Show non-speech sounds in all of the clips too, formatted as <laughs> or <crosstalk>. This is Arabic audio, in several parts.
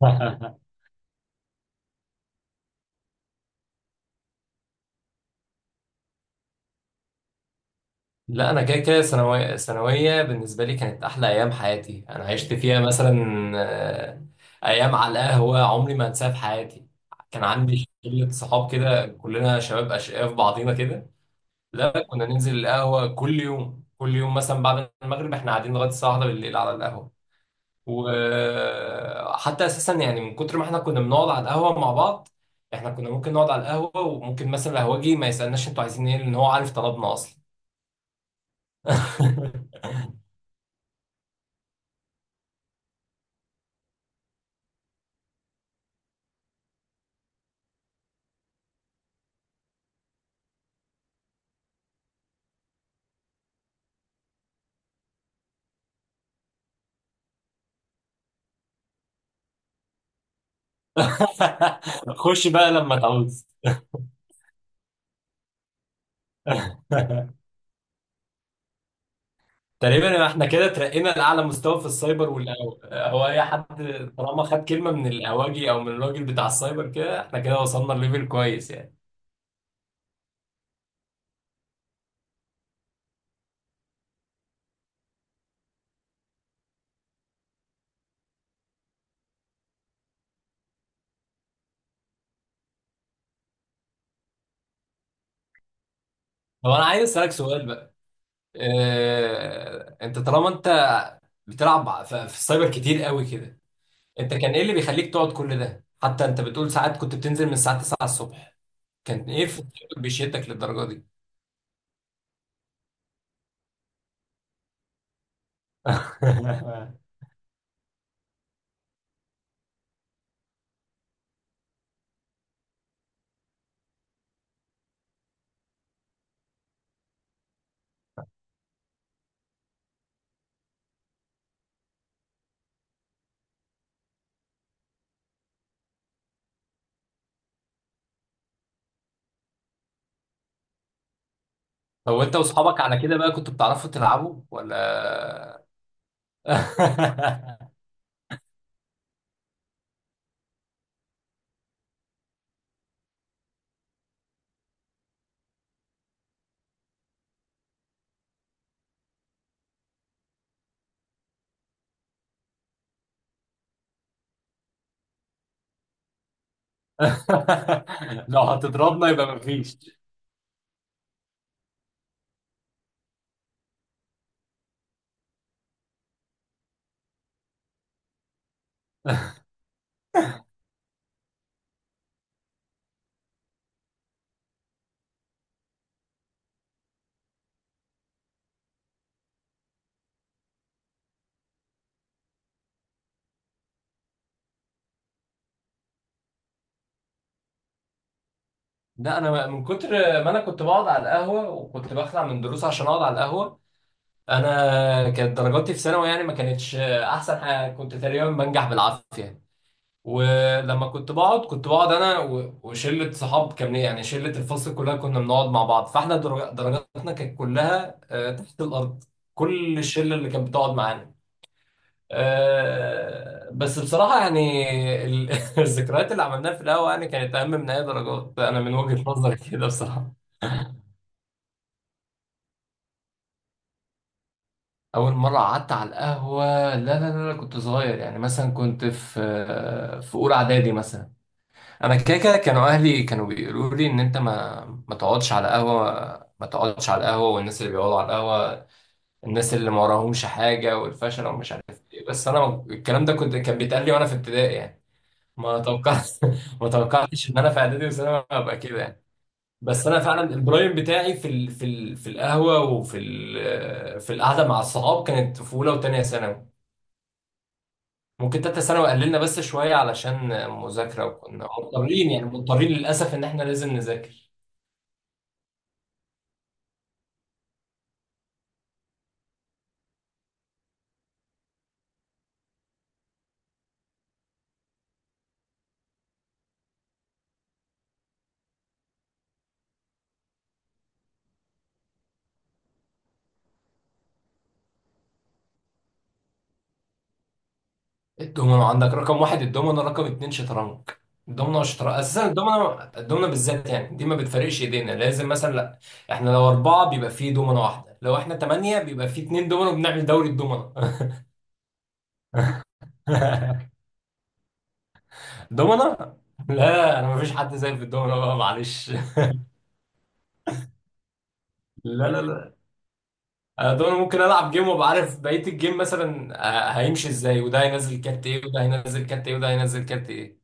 <laughs> لا انا كده كده ثانويه ثانويه بالنسبه لي كانت احلى ايام حياتي انا عشت فيها مثلا آه، ايام على القهوه عمري ما انساها في حياتي. كان عندي شله صحاب كده، كلنا شباب اشقياء في بعضينا كده. لا كنا ننزل القهوه كل يوم كل يوم، مثلا بعد المغرب احنا قاعدين لغايه الساعه 1 بالليل على القهوه. وحتى اساسا يعني من كتر ما احنا كنا بنقعد على القهوه مع بعض، احنا كنا ممكن نقعد على القهوه وممكن مثلا القهوجي ما يسالناش انتوا عايزين ايه، لان هو عارف طلبنا اصلا. <laughs> <laughs> خش بقى لما تعوز. <laughs> تقريبا احنا كده ترقينا لأعلى مستوى في السايبر هو أي حد طالما خد كلمة من الأواجي أو من الراجل بتاع السايبر كده، احنا كده وصلنا لليفل كويس يعني. طب أنا عايز أسألك سؤال بقى. اه... أنت طالما أنت بتلعب في السايبر كتير قوي كده، أنت كان إيه اللي بيخليك تقعد كل ده؟ حتى أنت بتقول ساعات كنت بتنزل من الساعة 9 الصبح، كان إيه في السايبر بيشدك للدرجة دي؟ <laughs> هو انت واصحابك على كده بقى كنتوا بتعرفوا تلعبوا ولا <laughs> لو هتضربنا يبقى مفيش. لا انا من كتر ما انا كنت بقعد على القهوه، وكنت بخلع من دروس عشان اقعد على القهوه. انا كانت درجاتي في ثانوي يعني ما كانتش احسن حاجه، كنت تقريبا بنجح بالعافيه يعني. ولما كنت بقعد كنت بقعد انا وشله صحاب، كان يعني شله الفصل كلها كنا بنقعد مع بعض، فاحنا درجاتنا كانت كلها تحت الارض. كل الشله اللي كانت بتقعد معانا بس بصراحة يعني <laughs> الذكريات اللي عملناها في القهوة يعني كانت أهم من أي درجات، أنا من وجهة نظري كده بصراحة. أول مرة قعدت على القهوة؟ لا لا لا لا، كنت صغير، يعني مثلا كنت في في أولى إعدادي مثلا. أنا كده كده كانوا أهلي كانوا بيقولوا لي إن أنت ما تقعدش على قهوة، ما تقعدش على القهوة، والناس اللي بيقعدوا على القهوة الناس اللي ما وراهمش حاجة والفشل ومش عارف إيه، بس أنا الكلام ده كنت كان بيتقال لي وأنا في ابتدائي يعني. ما توقعت، <laughs> ما توقعتش ان انا في اعدادي وثانوي هبقى كده يعني. بس انا فعلا البرايم بتاعي في القهوه وفي ال... في القعده مع الصحاب كانت في اولى وثانيه ثانوي. ممكن تالتة ثانوي قللنا بس شويه علشان مذاكره، وكنا مضطرين يعني مضطرين للاسف ان احنا لازم نذاكر. الدومينو عندك رقم واحد، الدومينو رقم اتنين شطرنج. الدومينو والشطرنج اساسا، الدومينو الدومينو بالذات يعني دي ما بتفرقش ايدينا، لازم مثلا لا، احنا لو اربعه بيبقى فيه دومينو واحده، لو احنا ثمانيه بيبقى فيه اتنين دومينو، بنعمل دوري الدومينو. <laughs> دومنا. لا انا مفيش حد زي في الدومنا بقى معلش. لا لا لا، انا دومنا ممكن العب جيم وابقى عارف بقيه الجيم مثلا، هيمشي ازاي وده هينزل كارت ايه وده هينزل كارت ايه وده هينزل كارت ايه.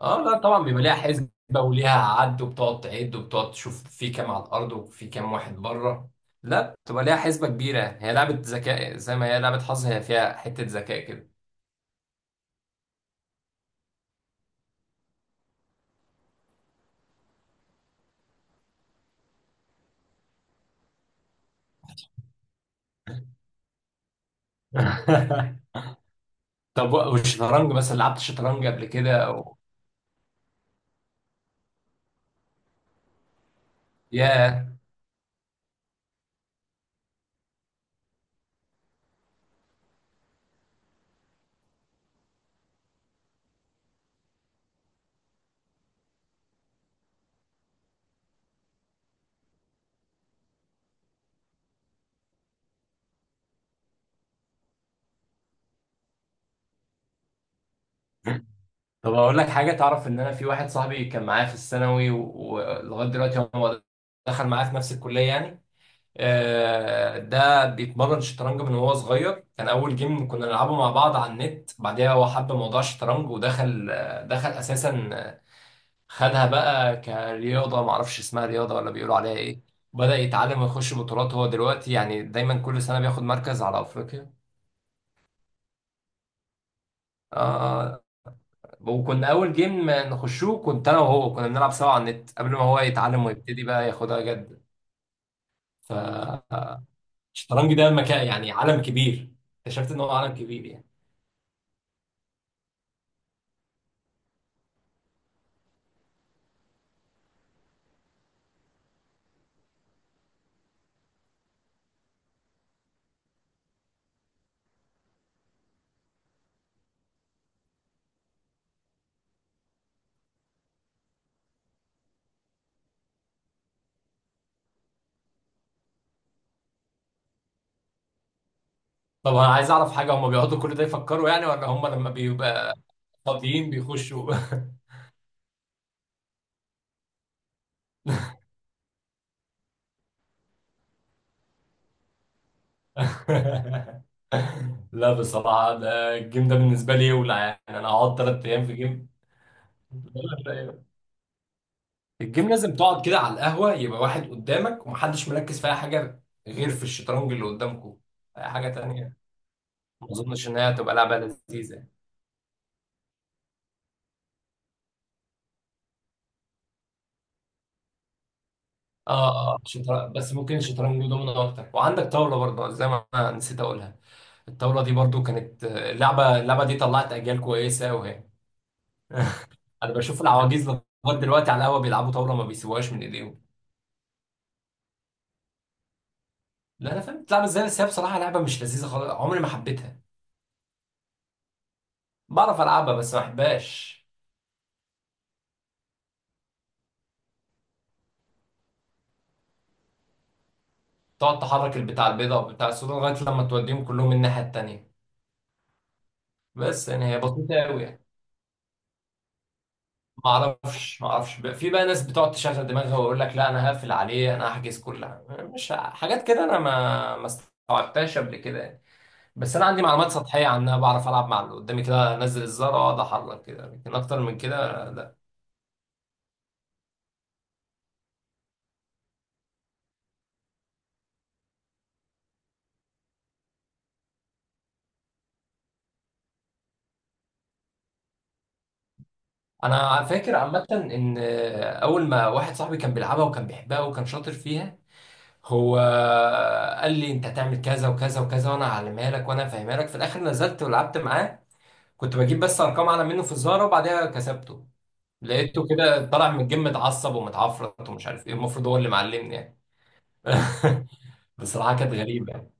اه لا طبعا بيبقى ليها حسبه وليها عد، وبتقعد تعد وبتقعد تشوف في كام على الارض وفي كام واحد بره. لا بتبقى ليها حسبه كبيره، هي لعبه ذكاء زي ما هي لعبه حظ، هي فيها حته ذكاء كده. <laughs> طب والشطرنج مثلا، لعبت الشطرنج قبل كده أو... ياه. طب اقول لك حاجه؟ تعرف ان انا في واحد صاحبي كان معايا في الثانوي ولغايه دلوقتي هو دخل معايا في نفس الكليه يعني. ده بيتمرن شطرنج من وهو صغير، كان اول جيم كنا نلعبه مع بعض على النت، بعدها هو حب موضوع الشطرنج ودخل، دخل اساسا، خدها بقى كرياضه، ما اعرفش اسمها رياضه ولا بيقولوا عليها ايه. بدأ يتعلم ويخش بطولات، هو دلوقتي يعني دايما كل سنه بياخد مركز على افريقيا. اه. وكنا اول جيم ما نخشوه كنت انا وهو، كنا بنلعب سوا على النت قبل ما هو يتعلم ويبتدي بقى ياخدها جد. فالشطرنج ده مكان يعني عالم كبير، اكتشفت ان هو عالم كبير يعني. طب انا عايز اعرف حاجه، هم بيقعدوا كل ده يفكروا يعني ولا هم لما بيبقى فاضيين بيخشوا؟ <laughs> لا بصراحه ده الجيم ده بالنسبه لي يولع يعني، انا هقعد ثلاث ايام في جيم؟ <laughs> الجيم لازم تقعد كده على القهوة، يبقى واحد قدامك ومحدش مركز في أي حاجة غير في الشطرنج اللي قدامكم، أي حاجة تانية ما أظنش إن هي هتبقى لعبة لذيذة يعني. آه آه بس ممكن الشطرنج دومينو أكتر، وعندك طاولة برضه زي ما أنا نسيت أقولها. الطاولة دي برضه كانت اللعبة اللعبة دي طلعت أجيال كويسة، وهي أنا بشوف العواجيز لغاية دلوقتي على القهوة بيلعبوا طاولة ما بيسيبوهاش من إيديهم. لا أنا فاهم بتلعب إزاي، بس هي بصراحة لعبة مش لذيذة خالص، عمري ما حبيتها. بعرف ألعبها بس ما أحبهاش. تقعد تحرك البتاع البيضاء والبتاع السوداء لغايه لما توديهم كلهم الناحيه التانيه، بس يعني هي بسيطه قوي يعني. ما اعرفش ما اعرفش في بقى ناس بتقعد تشغل دماغها ويقول لك لا انا هقفل عليه انا هحجز كلها، مش ه- حاجات كده انا ما استوعبتهاش قبل كده يعني. بس انا عندي معلومات سطحيه عنها، بعرف العب مع اللي قدامي كده، انزل الزر اقعد احرك كده، لكن اكتر من كده لا. انا فاكر عامه ان اول ما واحد صاحبي كان بيلعبها وكان بيحبها وكان شاطر فيها، هو قال لي انت هتعمل كذا وكذا وكذا، وانا هعلمها لك وانا هفهمها لك. في الاخر نزلت ولعبت معاه، كنت بجيب بس ارقام اعلى منه في الزهره وبعدها كسبته. لقيته كده طالع من الجيم متعصب ومتعفرت ومش عارف ايه، المفروض هو اللي معلمني يعني. <laughs> بصراحه كانت غريبه يعني.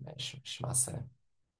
ماشي ماشي مع السلامه.